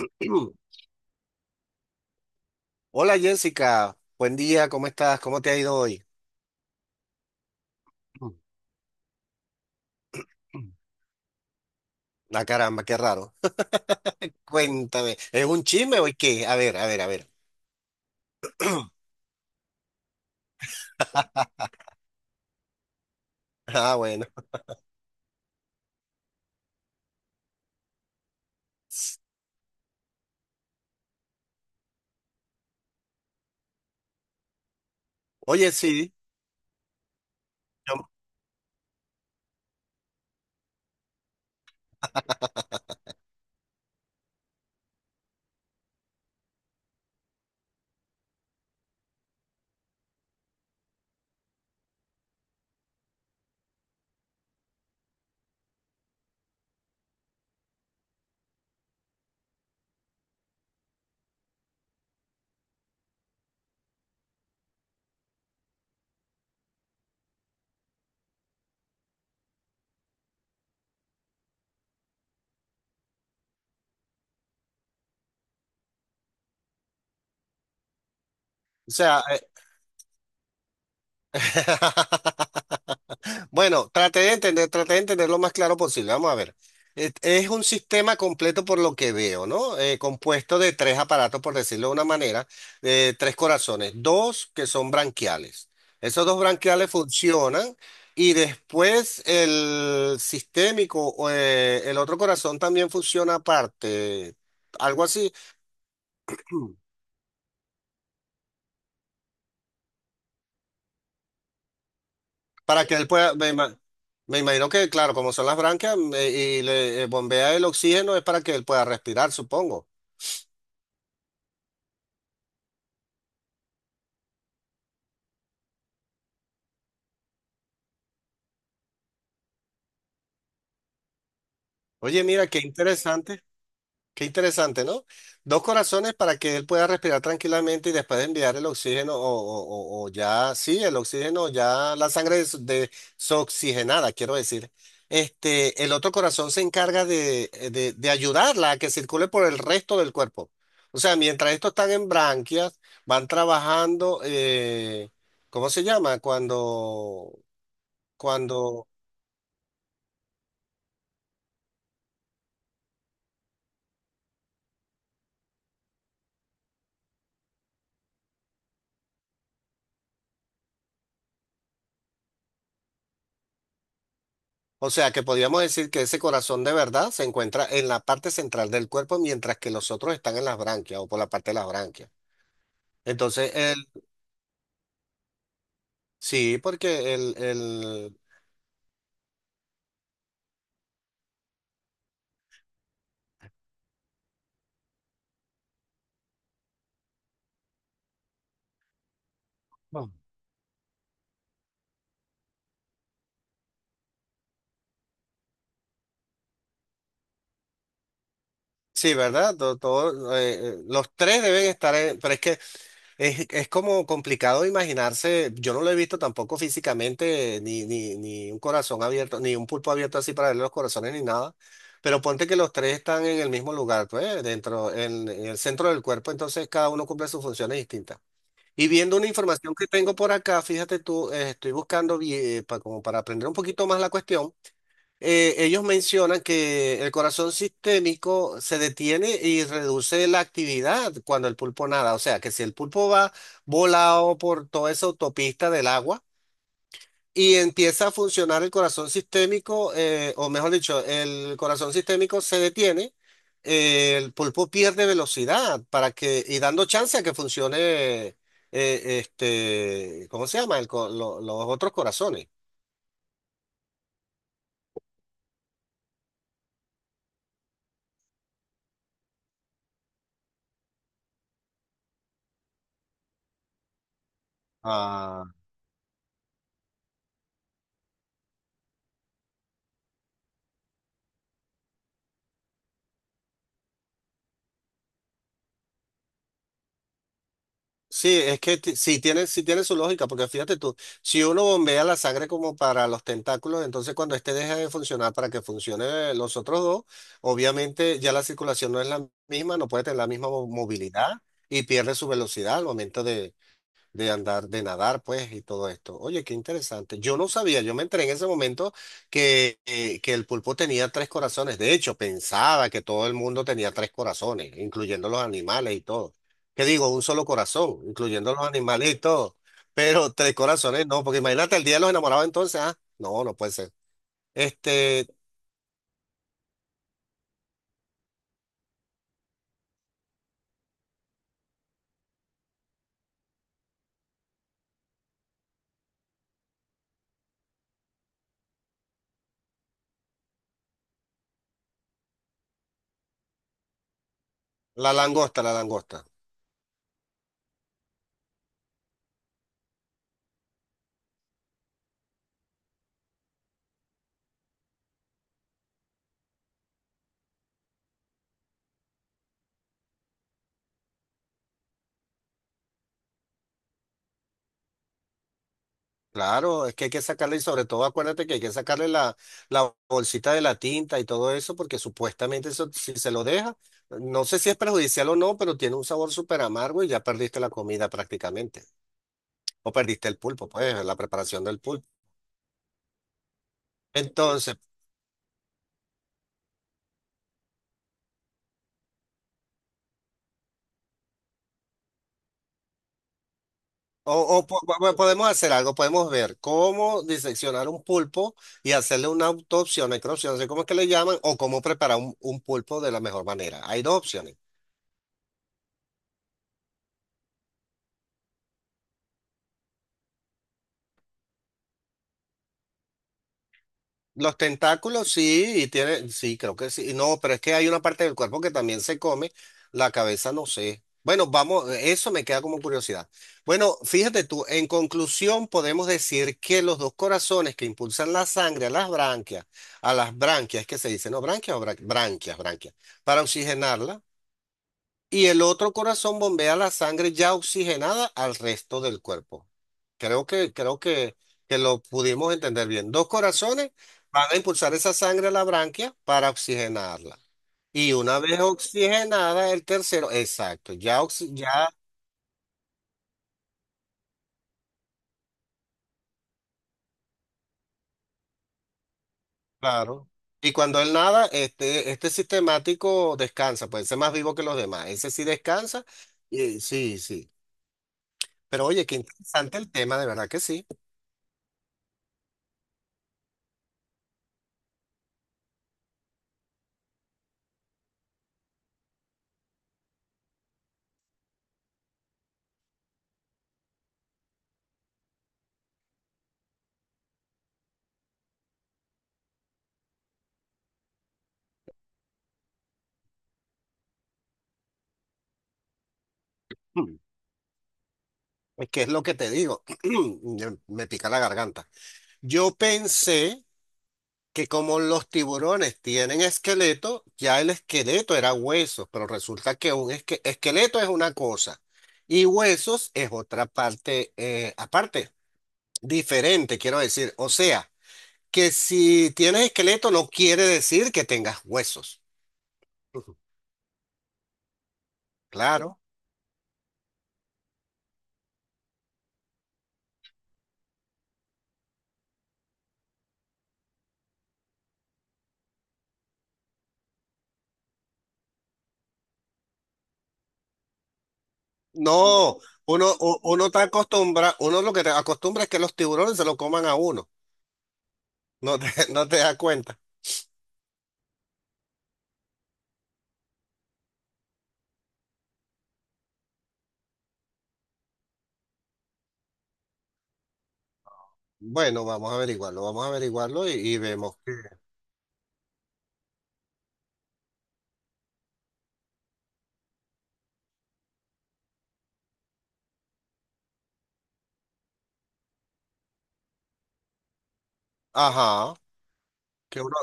Mm. Hola Jessica, buen día, ¿cómo estás? ¿Cómo te ha ido hoy? Mm. La caramba, qué raro. Cuéntame, ¿es un chisme o qué? A ver, a ver, a ver. Ah, bueno. Oye, sí, yo- o sea, eh, Bueno, traté de entender lo más claro posible. Vamos a ver. Es un sistema completo por lo que veo, ¿no? Compuesto de tres aparatos, por decirlo de una manera, tres corazones, dos que son branquiales. Esos dos branquiales funcionan y después el sistémico, o, el otro corazón también funciona aparte, algo así, para que él pueda me imagino que, claro, como son las branquias, y le bombea el oxígeno es para que él pueda respirar, supongo. Oye, mira, qué interesante, ¿no? Dos corazones para que él pueda respirar tranquilamente y después de enviar el oxígeno o ya, sí, el oxígeno, ya la sangre desoxigenada, quiero decir. Este, el otro corazón se encarga de ayudarla a que circule por el resto del cuerpo. O sea, mientras estos están en branquias, van trabajando, ¿cómo se llama? Cuando... O sea que podríamos decir que ese corazón de verdad se encuentra en la parte central del cuerpo, mientras que los otros están en las branquias o por la parte de las branquias. Entonces, sí, porque No. Sí, ¿verdad? Todo, los tres deben estar en, pero es que es como complicado imaginarse, yo no lo he visto tampoco físicamente, ni un corazón abierto, ni un pulpo abierto así para ver los corazones ni nada, pero ponte que los tres están en el mismo lugar, pues, dentro, en el centro del cuerpo, entonces cada uno cumple sus funciones distintas. Y viendo una información que tengo por acá, fíjate tú, estoy buscando, como para aprender un poquito más la cuestión. Ellos mencionan que el corazón sistémico se detiene y reduce la actividad cuando el pulpo nada. O sea, que si el pulpo va volado por toda esa autopista del agua y empieza a funcionar el corazón sistémico, o mejor dicho, el corazón sistémico se detiene, el pulpo pierde velocidad para que, y dando chance a que funcione, este, ¿cómo se llama? Los otros corazones. Ah. Sí, es que sí tiene su lógica, porque fíjate tú, si uno bombea la sangre como para los tentáculos, entonces cuando este deja de funcionar para que funcione los otros dos, obviamente ya la circulación no es la misma, no puede tener la misma movilidad y pierde su velocidad al momento de andar, de nadar, pues, y todo esto. Oye, qué interesante. Yo no sabía, yo me enteré en ese momento que el pulpo tenía tres corazones. De hecho, pensaba que todo el mundo tenía tres corazones, incluyendo los animales y todo. ¿Qué digo? Un solo corazón, incluyendo los animales y todo. Pero tres corazones no, porque imagínate el día de los enamorados entonces, ah, no, no puede ser. Este, la langosta, la langosta. Claro, es que hay que sacarle, y sobre todo acuérdate que hay que sacarle la bolsita de la tinta y todo eso, porque supuestamente eso, si se lo deja, no sé si es perjudicial o no, pero tiene un sabor súper amargo y ya perdiste la comida prácticamente. O perdiste el pulpo, pues, la preparación del pulpo. Entonces, podemos hacer algo, podemos ver cómo diseccionar un pulpo y hacerle una autopsia, una necropsia, no sé cómo es que le llaman, o cómo preparar un pulpo de la mejor manera. Hay dos opciones. Los tentáculos sí, y tiene, sí, creo que sí. No, pero es que hay una parte del cuerpo que también se come, la cabeza no sé. Bueno, vamos, eso me queda como curiosidad. Bueno, fíjate tú, en conclusión podemos decir que los dos corazones que impulsan la sangre a las branquias, es que se dice, no, branquias o branquias, branquias, para oxigenarla y el otro corazón bombea la sangre ya oxigenada al resto del cuerpo. Creo que lo pudimos entender bien. Dos corazones van a impulsar esa sangre a la branquia para oxigenarla. Y una vez oxigenada, el tercero, exacto, ya, ya, claro. Y cuando él nada, este sistemático descansa, puede ser más vivo que los demás. Ese sí descansa. Y sí, sí. Pero oye, qué interesante el tema, de verdad que sí. ¿Qué es lo que te digo? Me pica la garganta. Yo pensé que como los tiburones tienen esqueleto, ya el esqueleto era huesos, pero resulta que un esqueleto es una cosa y huesos es otra parte, aparte, diferente, quiero decir. O sea, que si tienes esqueleto no quiere decir que tengas huesos. Ujú. Claro. No, uno está acostumbrado, uno lo que te acostumbra es que los tiburones se lo coman a uno. No te, no te das cuenta. Bueno, vamos a averiguarlo y vemos que, ajá, que uno,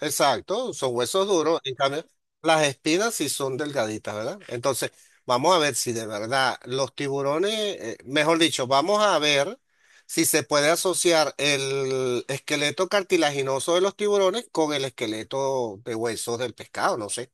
exacto, son huesos duros, en cambio, las espinas sí son delgaditas, ¿verdad? Entonces, vamos a ver si de verdad los tiburones, mejor dicho, vamos a ver si se puede asociar el esqueleto cartilaginoso de los tiburones con el esqueleto de huesos del pescado, no sé.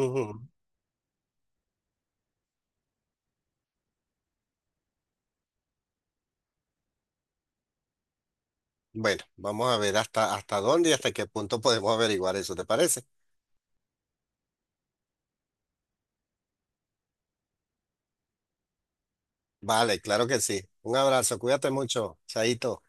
Ujú. Bueno, vamos a ver hasta, hasta dónde y hasta qué punto podemos averiguar eso, ¿te parece? Vale, claro que sí. Un abrazo, cuídate mucho, Chaito.